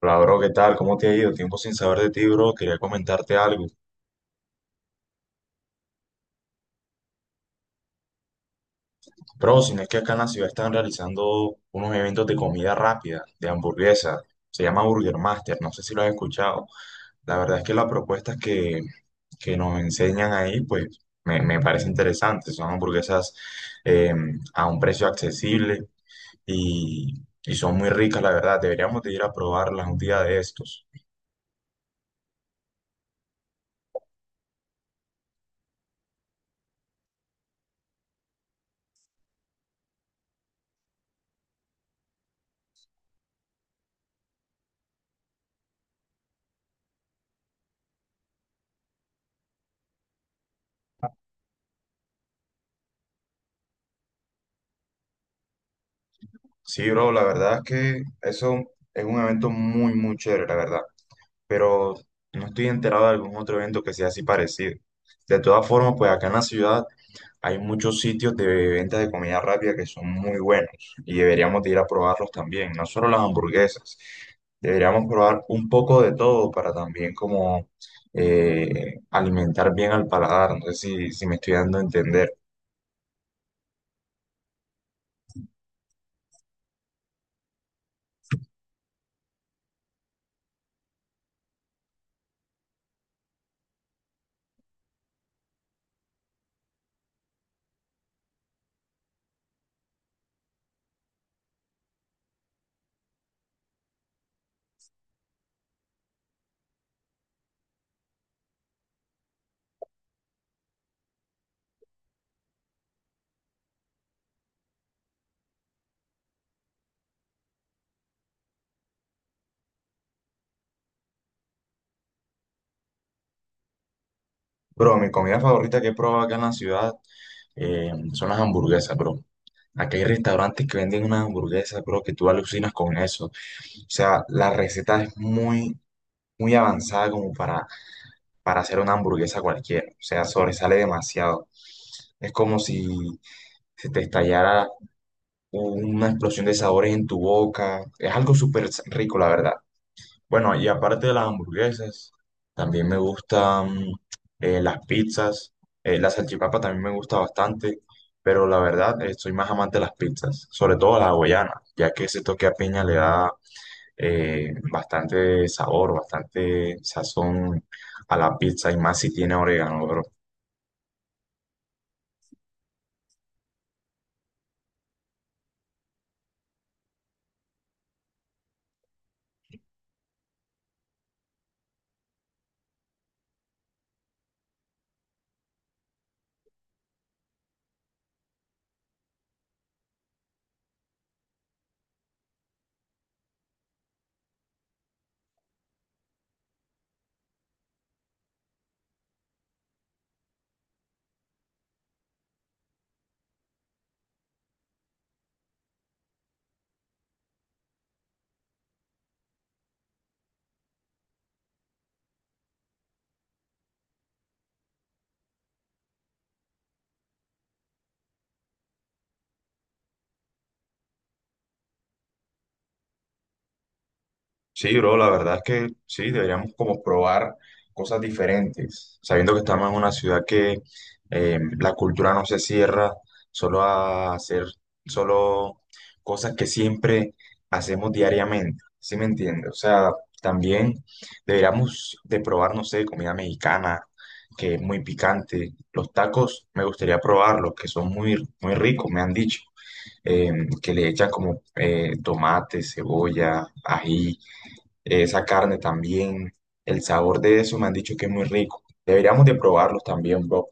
Hola, bro, ¿qué tal? ¿Cómo te ha ido? Tiempo sin saber de ti, bro. Quería comentarte algo. Bro, si no es que acá en la ciudad están realizando unos eventos de comida rápida, de hamburguesa. Se llama Burger Master, no sé si lo has escuchado. La verdad es que las propuestas que nos enseñan ahí, pues me parece interesante. Son hamburguesas eh, a un precio accesible y, y son muy ricas, la verdad. Deberíamos de ir a probarlas un día de estos. Sí, bro, la verdad es que eso es un evento muy, muy chévere, la verdad, pero no estoy enterado de algún otro evento que sea así parecido. De todas formas, pues acá en la ciudad hay muchos sitios de ventas de comida rápida que son muy buenos y deberíamos de ir a probarlos también, no solo las hamburguesas. Deberíamos probar un poco de todo para también como alimentar bien al paladar. No sé si me estoy dando a entender. Bro, mi comida favorita que he probado acá en la ciudad son las hamburguesas, bro. Aquí hay restaurantes que venden unas hamburguesas, bro, que tú alucinas con eso. O sea, la receta es muy, muy avanzada como para hacer una hamburguesa cualquiera. O sea, sobresale demasiado. Es como si se te estallara una explosión de sabores en tu boca. Es algo súper rico, la verdad. Bueno, y aparte de las hamburguesas, también me gustan las pizzas. La salchipapa también me gusta bastante. Pero la verdad, soy más amante de las pizzas, sobre todo la hawaiana, ya que ese toque a piña le da bastante sabor, bastante sazón a la pizza y más si tiene orégano, bro. Sí, bro, la verdad es que sí, deberíamos como probar cosas diferentes, sabiendo que estamos en una ciudad que la cultura no se cierra solo a hacer solo cosas que siempre hacemos diariamente, ¿sí me entiendes? O sea, también deberíamos de probar, no sé, comida mexicana, que es muy picante. Los tacos me gustaría probarlos, que son muy, muy ricos, me han dicho, eh, que le echan como tomate, cebolla, ají, esa carne también, el sabor de eso me han dicho que es muy rico. Deberíamos de probarlos también, bro,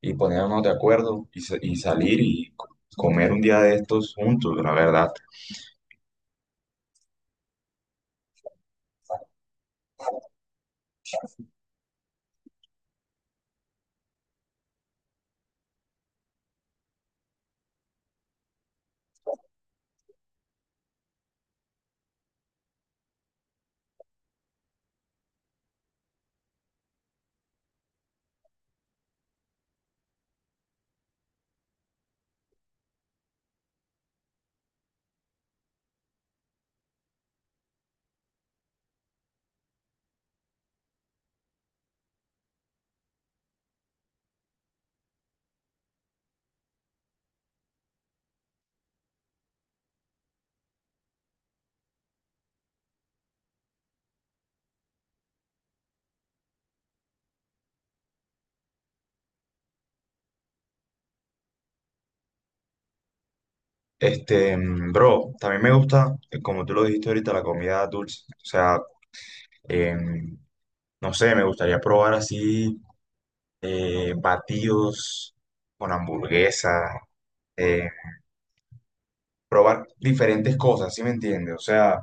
y ponernos de acuerdo y salir y comer un día de estos juntos, la verdad. Este, mm, bro, también me gusta, como tú lo dijiste ahorita, la comida dulce. O sea, em, no sé, me gustaría probar así batidos con hamburguesa, eh, probar diferentes cosas, ¿sí me entiendes? O sea,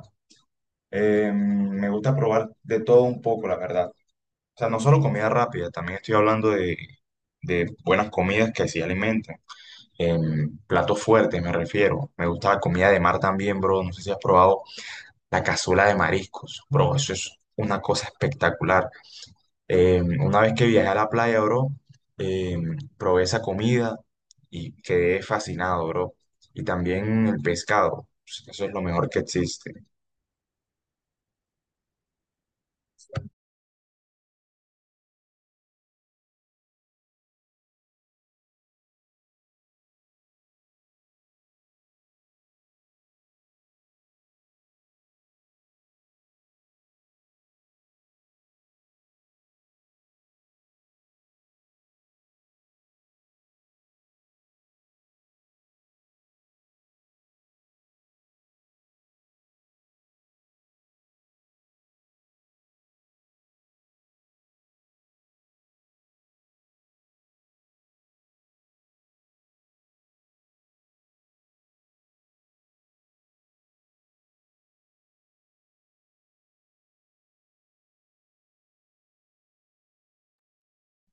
me gusta probar de todo un poco, la verdad. O sea, no solo comida rápida, también estoy hablando de buenas comidas que sí alimentan. Em, platos fuertes me refiero. Me gusta la comida de mar también, bro. No sé si has probado la cazuela de mariscos, bro. Eso es una cosa espectacular. Em, una vez que viajé a la playa, bro, probé esa comida y quedé fascinado, bro. Y también el pescado. Eso es lo mejor que existe.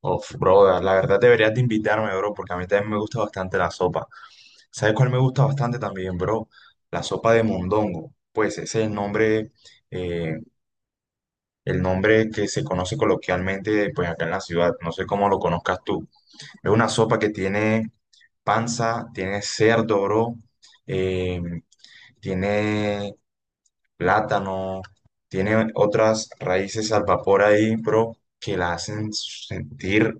Of, bro, la verdad deberías de invitarme, bro, porque a mí también me gusta bastante la sopa. ¿Sabes cuál me gusta bastante también, bro? La sopa de mondongo. Pues ese es eh, el nombre que se conoce coloquialmente, pues acá en la ciudad. No sé cómo lo conozcas tú. Es una sopa que tiene panza, tiene cerdo, bro, eh, tiene plátano, tiene otras raíces al vapor ahí, bro, que la hacen sentir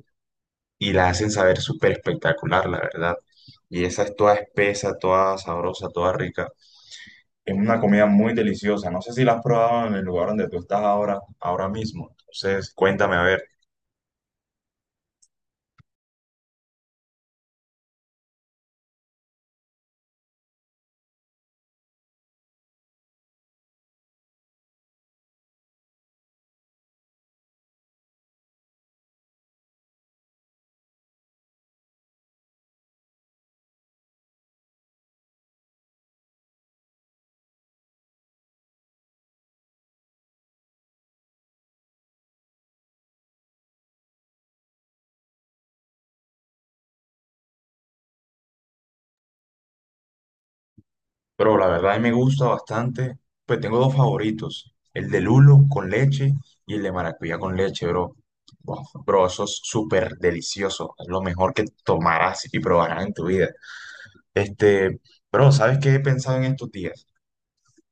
y la hacen saber súper espectacular, la verdad. Y esa es toda espesa, toda sabrosa, toda rica. Es una comida muy deliciosa. No sé si la has probado en el lugar donde tú estás ahora, ahora mismo. Entonces, cuéntame a ver. Pero la verdad a mí me gusta bastante. Pues tengo dos favoritos. El de lulo con leche y el de maracuyá con leche, bro. Wow, bro, eso es súper delicioso. Es lo mejor que tomarás y probarás en tu vida. Este, bro, ¿sabes qué he pensado en estos días?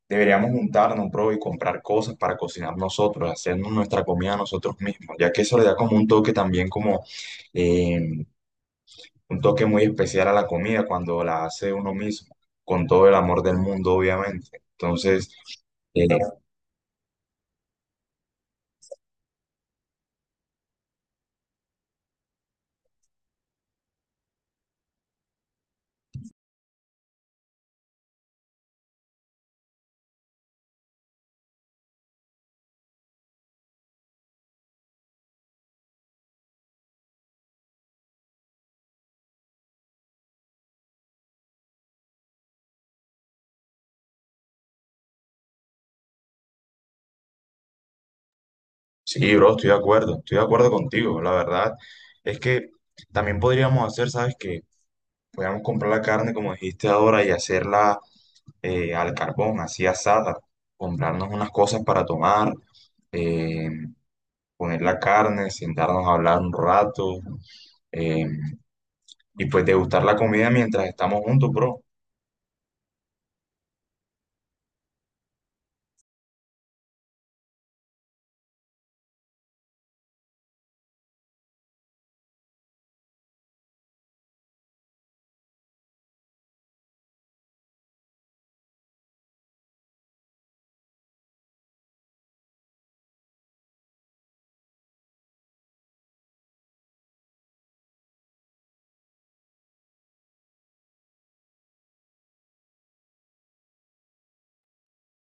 Deberíamos juntarnos, bro, y comprar cosas para cocinar nosotros, hacernos nuestra comida nosotros mismos, ya que eso le da como un toque también como eh, un toque muy especial a la comida cuando la hace uno mismo, con todo el amor del mundo, obviamente. Entonces, eh, sí, bro, estoy de acuerdo contigo. La verdad es que también podríamos hacer, ¿sabes qué? Podríamos comprar la carne, como dijiste ahora, y hacerla al carbón, así asada, comprarnos unas cosas para tomar. eh, Poner la carne, sentarnos a hablar un rato, eh, y pues degustar la comida mientras estamos juntos, bro.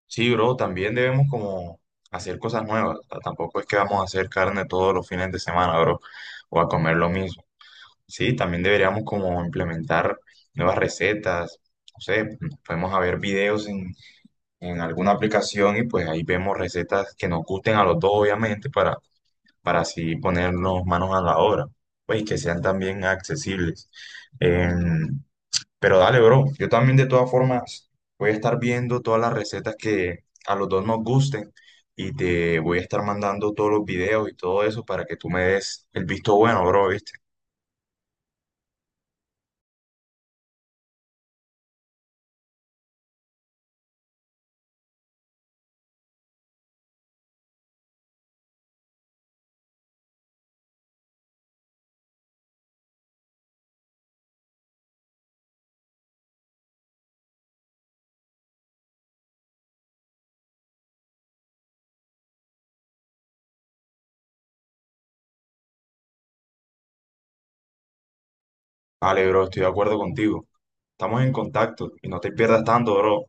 Sí, bro, también debemos como hacer cosas nuevas. O sea, tampoco es que vamos a hacer carne todos los fines de semana, bro, o a comer lo mismo. Sí, también deberíamos como implementar nuevas recetas. No sé, podemos a ver videos en alguna aplicación y pues ahí vemos recetas que nos gusten a los dos, obviamente, para así ponernos manos a la obra, pues y que sean también accesibles. Em, pero dale, bro, yo también de todas formas voy a estar viendo todas las recetas que a los dos nos gusten y te voy a estar mandando todos los videos y todo eso para que tú me des el visto bueno, bro, ¿viste? Vale, bro, estoy de acuerdo contigo. Estamos en contacto y no te pierdas tanto, bro.